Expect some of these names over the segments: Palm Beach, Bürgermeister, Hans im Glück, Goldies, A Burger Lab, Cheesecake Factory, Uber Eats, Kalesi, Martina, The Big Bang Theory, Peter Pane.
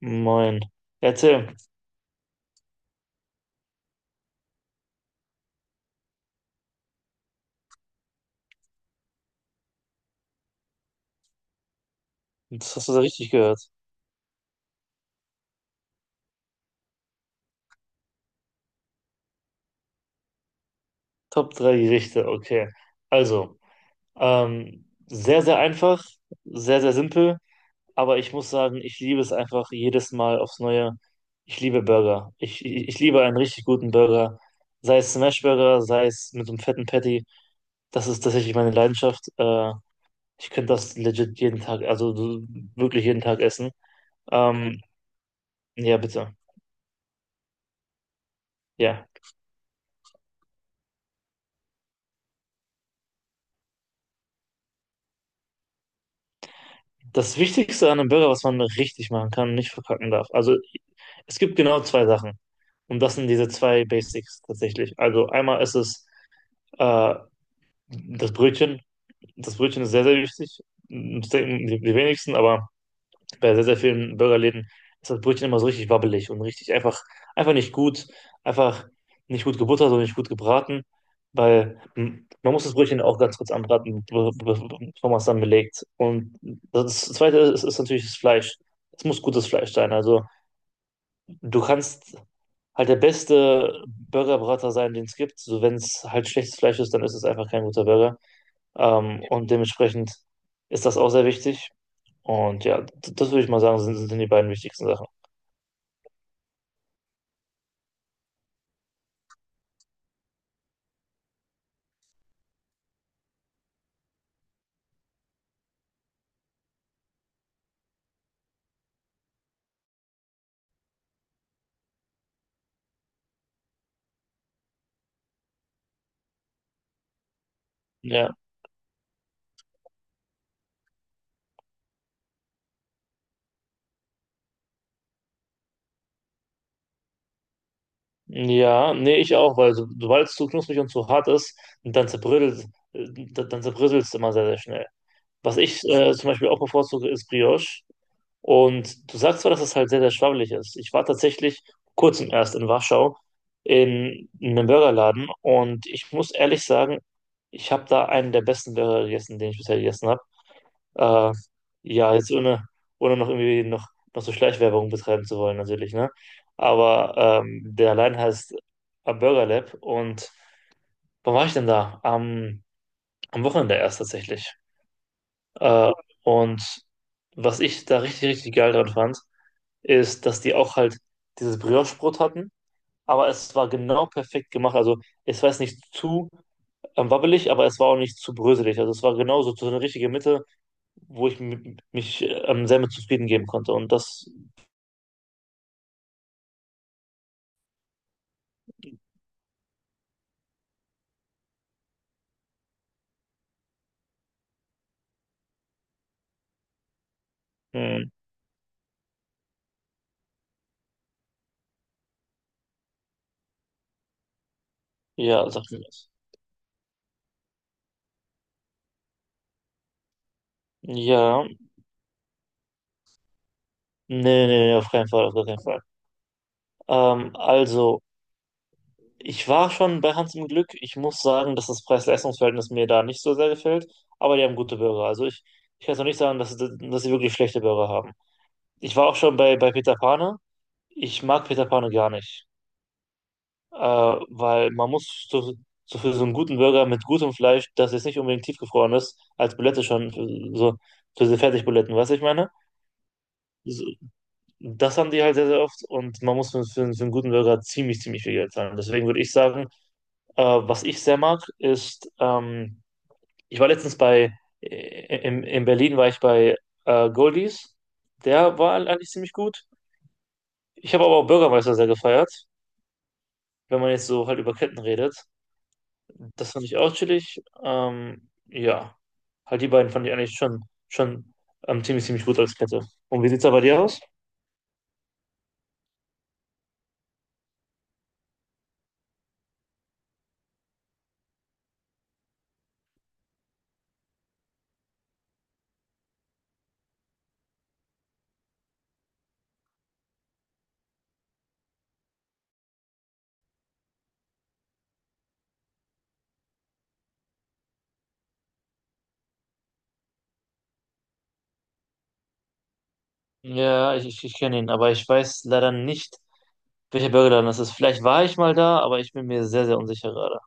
Moin. Erzähl, das hast du da richtig gehört. Top 3 Gerichte, okay. Also, sehr, sehr einfach, sehr, sehr simpel, aber ich muss sagen, ich liebe es einfach jedes Mal aufs Neue. Ich liebe Burger. Ich liebe einen richtig guten Burger. Sei es Smashburger, sei es mit so einem fetten Patty. Das ist tatsächlich meine Leidenschaft. Ich könnte das legit jeden Tag, also so wirklich jeden Tag essen. Ähm, ja, bitte. Ja. Das Wichtigste an einem Burger, was man richtig machen kann, nicht verkacken darf. Also es gibt genau zwei Sachen. Und das sind diese zwei Basics tatsächlich. Also einmal ist es äh, das Brötchen. Das Brötchen ist sehr, sehr wichtig. Das denken die wenigsten, aber bei sehr, sehr vielen Burgerläden ist das Brötchen immer so richtig wabbelig und richtig einfach, einfach nicht gut, einfach nicht gut gebuttert und nicht gut gebraten, weil man muss das Brötchen auch ganz kurz anbraten, bevor man es dann belegt. Und das Zweite ist natürlich das Fleisch. Es muss gutes Fleisch sein. Also du kannst halt der beste Burgerbrater sein, den es gibt. So, wenn es halt schlechtes Fleisch ist, dann ist es einfach kein guter Burger. Und dementsprechend ist das auch sehr wichtig. Und ja, das würde ich mal sagen, sind die beiden wichtigsten Sachen. Ja. Ja, nee, ich auch, weil so, sobald es zu knusprig und zu hart ist, dann dann zerbröselt du immer sehr, sehr schnell. Was ich zum Beispiel auch bevorzuge, ist Brioche. Und du sagst zwar, dass es halt sehr, sehr schwabbelig ist. Ich war tatsächlich vor kurzem erst in Warschau in einem Burgerladen und ich muss ehrlich sagen, ich habe da einen der besten Burger gegessen, den ich bisher gegessen habe. Äh, ja, jetzt ohne, ohne noch so Schleichwerbung betreiben zu wollen, natürlich, ne? Aber der allein heißt A Burger Lab und wann war ich denn da? Am Wochenende erst tatsächlich. Äh, und was ich da richtig, richtig geil dran fand, ist, dass die auch halt dieses Brioche-Brot hatten, aber es war genau perfekt gemacht. Also es war jetzt nicht zu wabbelig, aber es war auch nicht zu bröselig. Also es war genau so eine richtige Mitte, wo ich mich selber zufrieden geben konnte. Und das, mh, ja, sagt mir was. Ja, nee, nee, auf keinen Fall, auf gar keinen Fall. Also, ich war schon bei Hans im Glück. Ich muss sagen, dass das Preis-Leistungs-Verhältnis mir da nicht so sehr gefällt, aber die haben gute Burger. Also ich kann es noch nicht sagen, dass sie wirklich schlechte Burger haben. Ich war auch schon bei Peter Pane. Ich mag Peter Pane gar nicht. Weil man muss so, so für so einen guten Burger mit gutem Fleisch, das jetzt nicht unbedingt tiefgefroren ist, als Bulette schon, für, so für diese Fertigbuletten, weißt du, ich meine? So, das haben die halt sehr, sehr oft und man muss für einen guten Burger ziemlich, ziemlich viel Geld zahlen. Deswegen würde ich sagen, was ich sehr mag, ist, ich war letztens in Berlin war ich bei Goldies, der war eigentlich ziemlich gut. Ich habe aber auch Bürgermeister sehr gefeiert, wenn man jetzt so halt über Ketten redet. Das fand ich auch chillig. Ja, halt die beiden fand ich schon ziemlich, ziemlich gut als Kette. Und wie sieht's da bei dir aus? Ja, ich kenne ihn, aber ich weiß leider nicht, welcher Burgerladen das ist. Vielleicht war ich mal da, aber ich bin mir sehr, sehr unsicher gerade.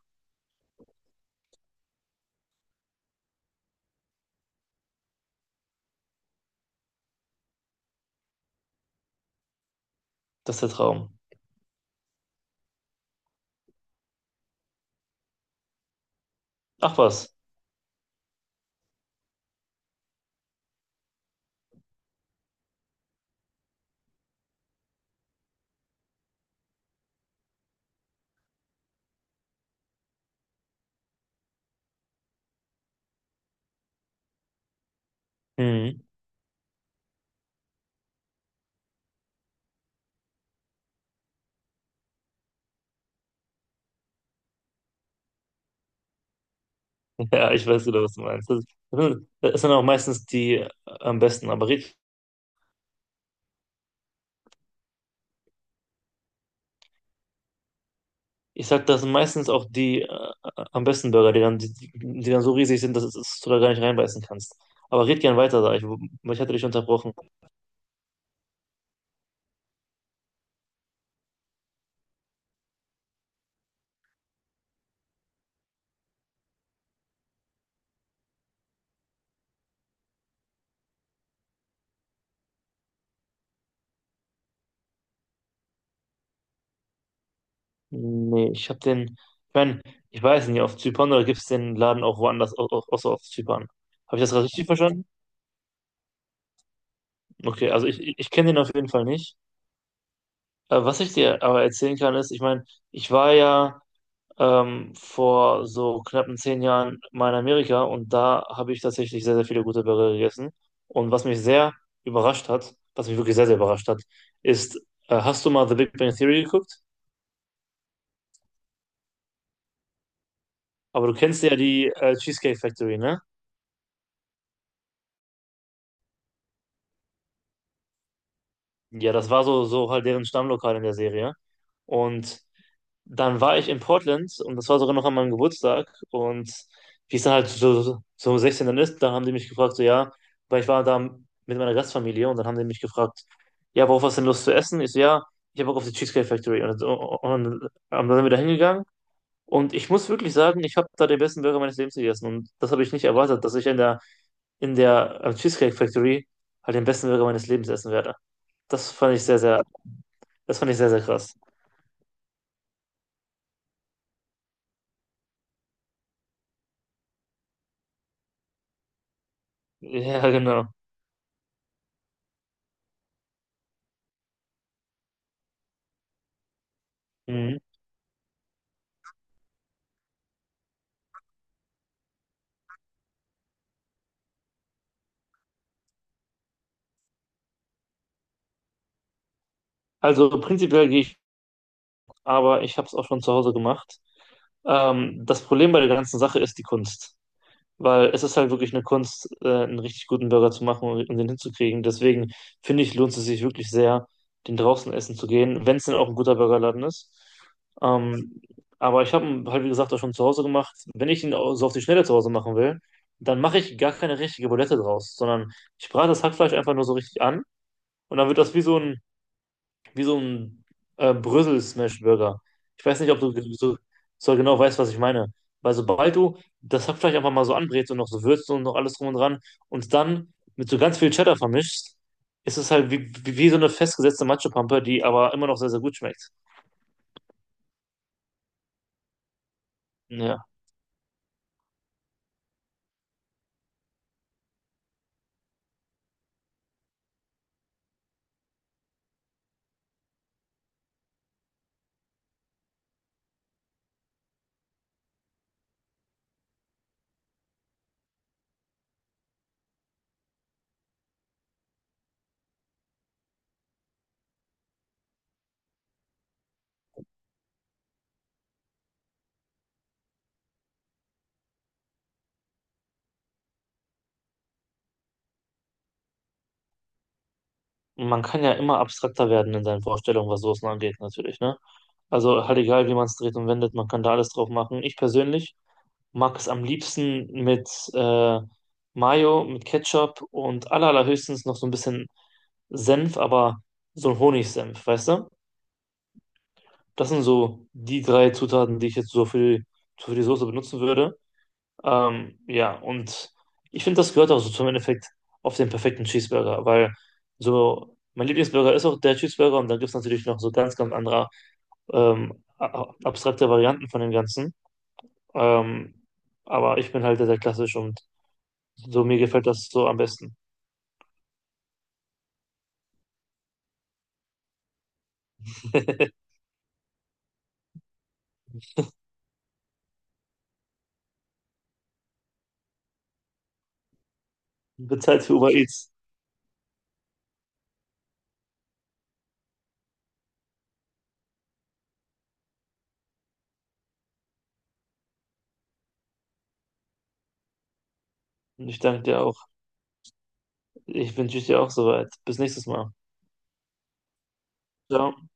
Das ist der Traum. Ach was. Mhm. Ja, ich weiß wieder, was du meinst. Das sind auch meistens die am besten, aber red. Ich sag, das sind meistens auch die am besten Burger, die dann, die dann so riesig sind, dass du da gar nicht reinbeißen kannst. Aber red gern weiter, sag ich, ich hatte dich unterbrochen. Nee, ich mein, ich weiß nicht, auf Zypern oder gibt's den Laden auch woanders, außer auf Zypern? Habe ich das gerade richtig verstanden? Okay, also ich kenne den auf jeden Fall nicht. Was ich dir aber erzählen kann, ist, ich meine, ich war ja vor so knappen zehn Jahren mal in Amerika und da habe ich tatsächlich sehr, sehr viele gute Burger gegessen. Und was mich sehr überrascht hat, was mich wirklich sehr, sehr überrascht hat, ist, hast du mal The Big Bang Theory geguckt? Aber du kennst ja die Cheesecake Factory, ne? Ja, das war so, so halt deren Stammlokal in der Serie. Und dann war ich in Portland und das war sogar noch an meinem Geburtstag. Und wie es dann halt so, 16 dann ist, dann haben die mich gefragt, so ja, weil ich war da mit meiner Gastfamilie und dann haben die mich gefragt, ja, worauf hast du denn Lust zu essen? Ich so, ja, ich habe Bock auf die Cheesecake Factory. Und dann sind wir da hingegangen. Und ich muss wirklich sagen, ich habe da den besten Burger meines Lebens gegessen. Und das habe ich nicht erwartet, dass ich in der Cheesecake Factory halt den besten Burger meines Lebens essen werde. Das fand ich das fand ich sehr, sehr krass. Ja, genau. Mhm. Also prinzipiell gehe ich, aber ich habe es auch schon zu Hause gemacht. Das Problem bei der ganzen Sache ist die Kunst, weil es ist halt wirklich eine Kunst, einen richtig guten Burger zu machen und den hinzukriegen. Deswegen finde ich, lohnt es sich wirklich sehr, den draußen essen zu gehen, wenn es denn auch ein guter Burgerladen ist. Ähm, aber ich habe ihn halt, wie gesagt, auch schon zu Hause gemacht. Wenn ich ihn auch so auf die Schnelle zu Hause machen will, dann mache ich gar keine richtige Bulette draus, sondern ich brate das Hackfleisch einfach nur so richtig an und dann wird das wie so ein Brösel-Smash-Burger. Ich weiß nicht, ob du so, so genau weißt, was ich meine. Weil sobald du das Hackfleisch einfach mal so anbrätst und noch so würzt und noch alles drum und dran und dann mit so ganz viel Cheddar vermischst, ist es halt wie so eine festgesetzte Matschepampe, die aber immer noch sehr, sehr gut schmeckt. Ja. Und man kann ja immer abstrakter werden in seinen Vorstellungen, was Soßen angeht, natürlich, ne? Also halt egal, wie man es dreht und wendet, man kann da alles drauf machen. Ich persönlich mag es am liebsten mit Mayo, mit Ketchup und allerhöchstens noch so ein bisschen Senf, aber so ein Honigsenf, weißt du? Das sind so die drei Zutaten, die ich jetzt so für die Soße benutzen würde. Ja, und ich finde, das gehört auch so zum Endeffekt auf den perfekten Cheeseburger, weil so mein Lieblingsburger ist auch der Cheeseburger und dann gibt es natürlich noch so ganz, ganz andere abstrakte Varianten von dem Ganzen. Ähm, aber ich bin halt der, der klassisch und So, mir gefällt das so am besten. Bezahlt für Uber Eats. Und ich danke dir auch. Ich wünsche dir auch soweit. Bis nächstes Mal. Ciao.